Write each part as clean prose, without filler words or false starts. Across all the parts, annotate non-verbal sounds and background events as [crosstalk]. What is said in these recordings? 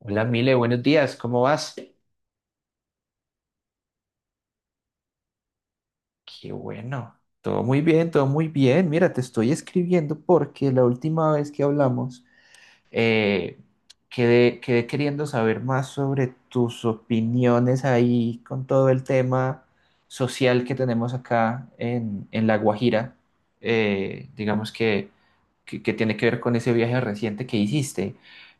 Hola, Mile, buenos días, ¿cómo vas? Qué bueno, todo muy bien, todo muy bien. Mira, te estoy escribiendo porque la última vez que hablamos eh, quedé queriendo saber más sobre tus opiniones ahí con todo el tema social que tenemos acá en La Guajira. Digamos que que tiene que ver con ese viaje reciente que hiciste.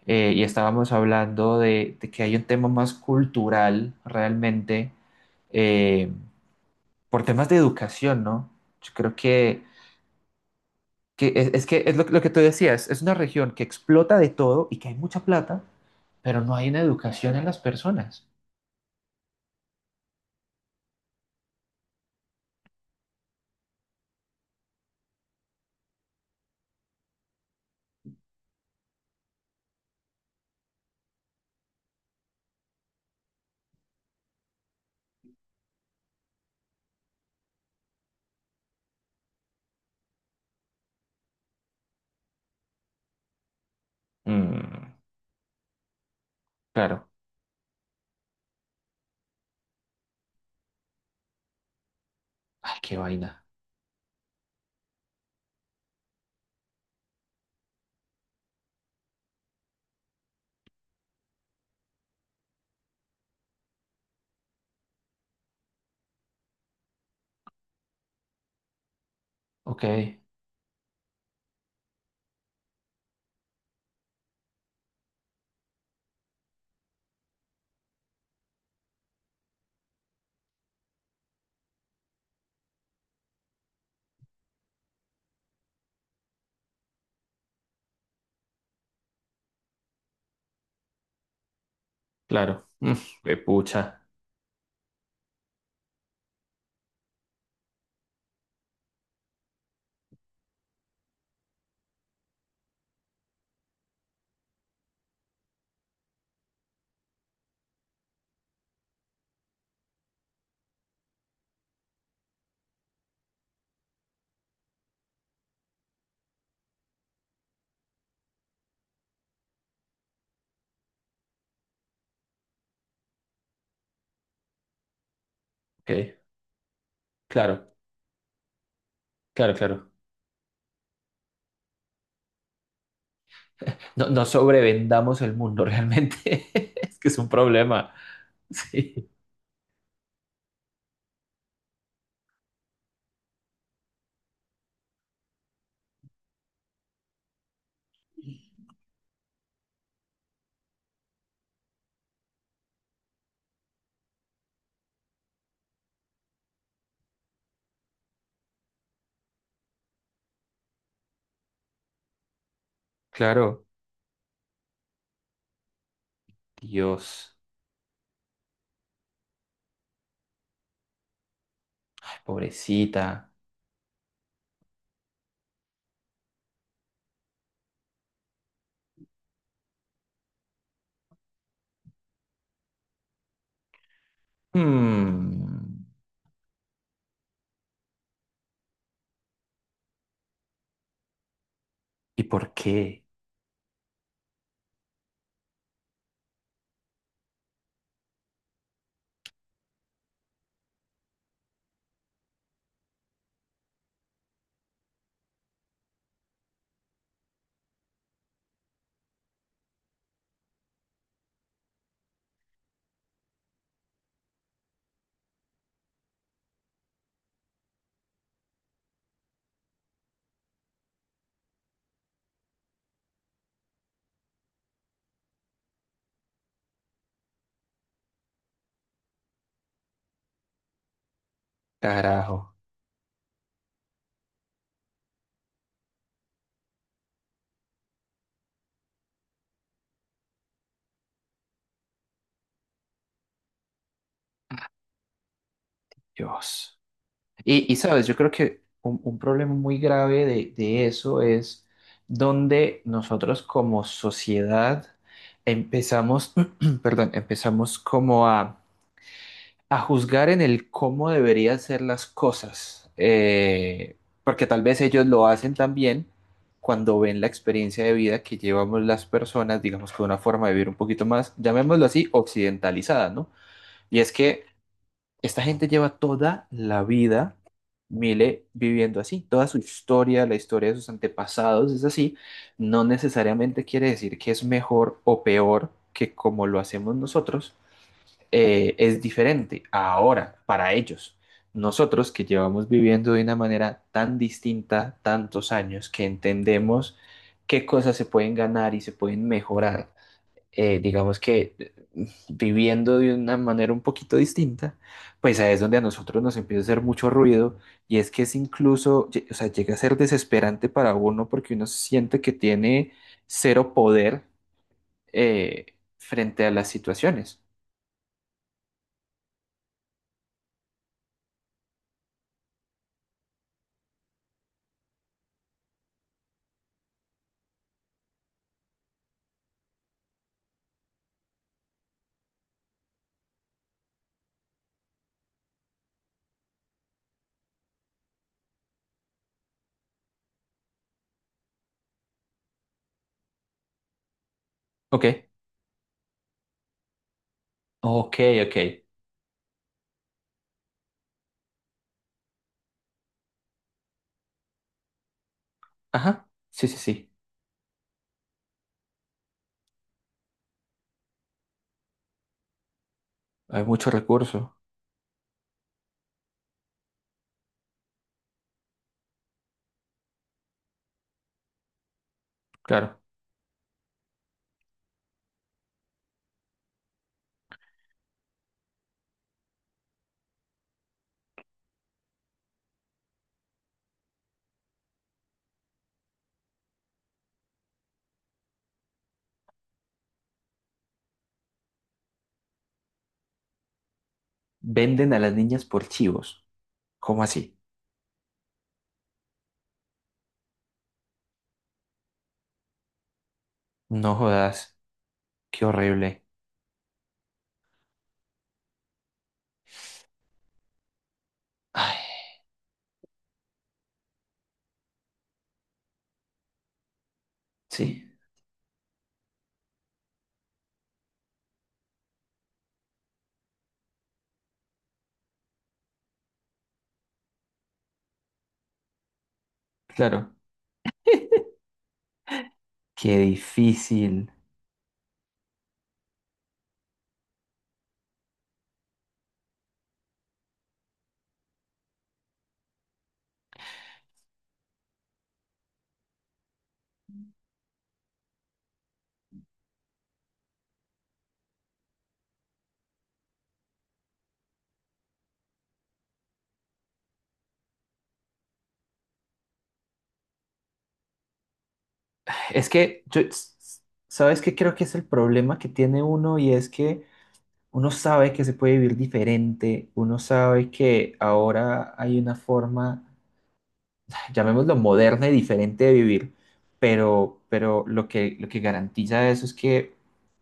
Y estábamos hablando de que hay un tema más cultural realmente, eh, por temas de educación, ¿no? Yo creo que, que es que es lo que tú decías, es una región que explota de todo y que hay mucha plata, pero no hay una educación en las personas. Mm, claro. Ay, qué vaina. Ok, claro. Mm, qué pucha. Ok, claro, claro, claro. No, no sobrevendamos el mundo realmente. [laughs] Es que es un problema. Sí, claro. Dios, pobrecita. Hmm, ¿y por qué? Carajo, Dios. Y, sabes, yo creo que un problema muy grave de eso es donde nosotros como sociedad empezamos, [clears throat] perdón, empezamos como a juzgar en el cómo deberían ser las cosas, porque tal vez ellos lo hacen también cuando ven la experiencia de vida que llevamos las personas, digamos que una forma de vivir un poquito más, llamémoslo así, occidentalizada, ¿no? Y es que esta gente lleva toda la vida, Mile, viviendo así, toda su historia, la historia de sus antepasados es así, no necesariamente quiere decir que es mejor o peor que como lo hacemos nosotros. Es diferente ahora para ellos. Nosotros que llevamos viviendo de una manera tan distinta tantos años que entendemos qué cosas se pueden ganar y se pueden mejorar. Digamos que Viviendo de una manera un poquito distinta, pues ahí es donde a nosotros nos empieza a hacer mucho ruido y es que es incluso, llega a ser desesperante para uno porque uno siente que tiene cero poder, eh, frente a las situaciones. Ok. Ok, ok. Ajá, sí, sí, sí. Hay muchos recursos, claro. Venden a las niñas por chivos. ¿Cómo así? No jodas, qué horrible. Ay, sí, claro. Qué difícil. Es que yo, ¿Sabes qué creo que es el problema que tiene uno? Y es que uno sabe que se puede vivir diferente, uno sabe que ahora hay una forma, llamémoslo moderna y diferente de vivir, pero, lo que garantiza eso es que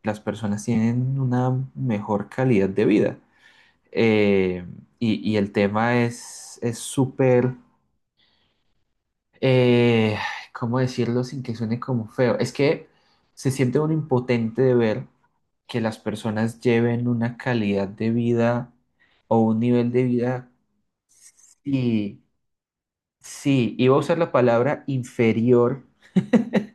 las personas tienen una mejor calidad de vida. Eh, y el tema es súper, eh, ¿cómo decirlo sin que suene como feo? Es que se siente uno impotente de ver que las personas lleven una calidad de vida o un nivel de vida, sí, sí, iba a usar la palabra inferior,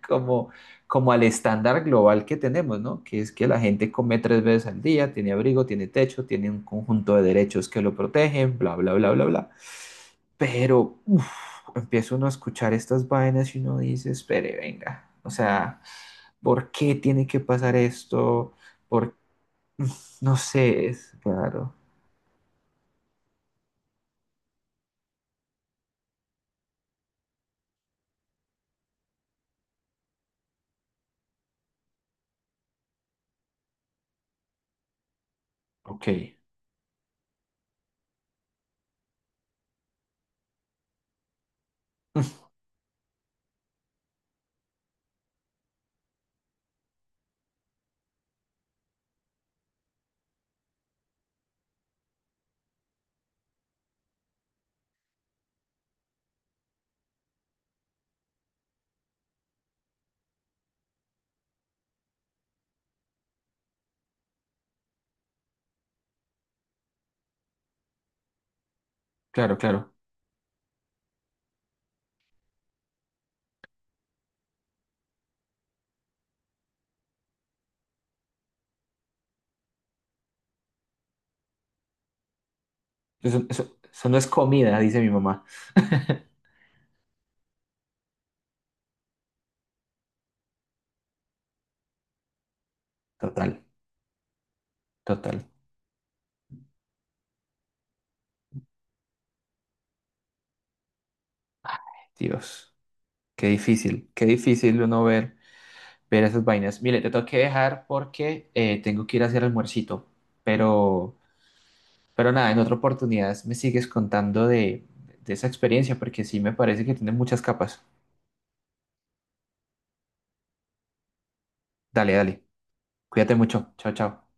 como, como al estándar global que tenemos, ¿no? Que es que la gente come 3 veces al día, tiene abrigo, tiene techo, tiene un conjunto de derechos que lo protegen, bla, bla, bla, bla, bla. Pero uf, empieza uno a escuchar estas vainas y uno dice, espere, venga, o sea, ¿por qué tiene que pasar esto? Por, no sé, es claro. Ok, [laughs] claro, claro. Eso no es comida, dice mi mamá. [laughs] Total, total. Dios. Qué difícil uno ver, ver esas vainas. Mire, te tengo que dejar porque tengo que ir a hacer almuercito, pero, pero nada, en otra oportunidad me sigues contando de esa experiencia porque sí me parece que tiene muchas capas. Dale, dale, cuídate mucho, chao, chao.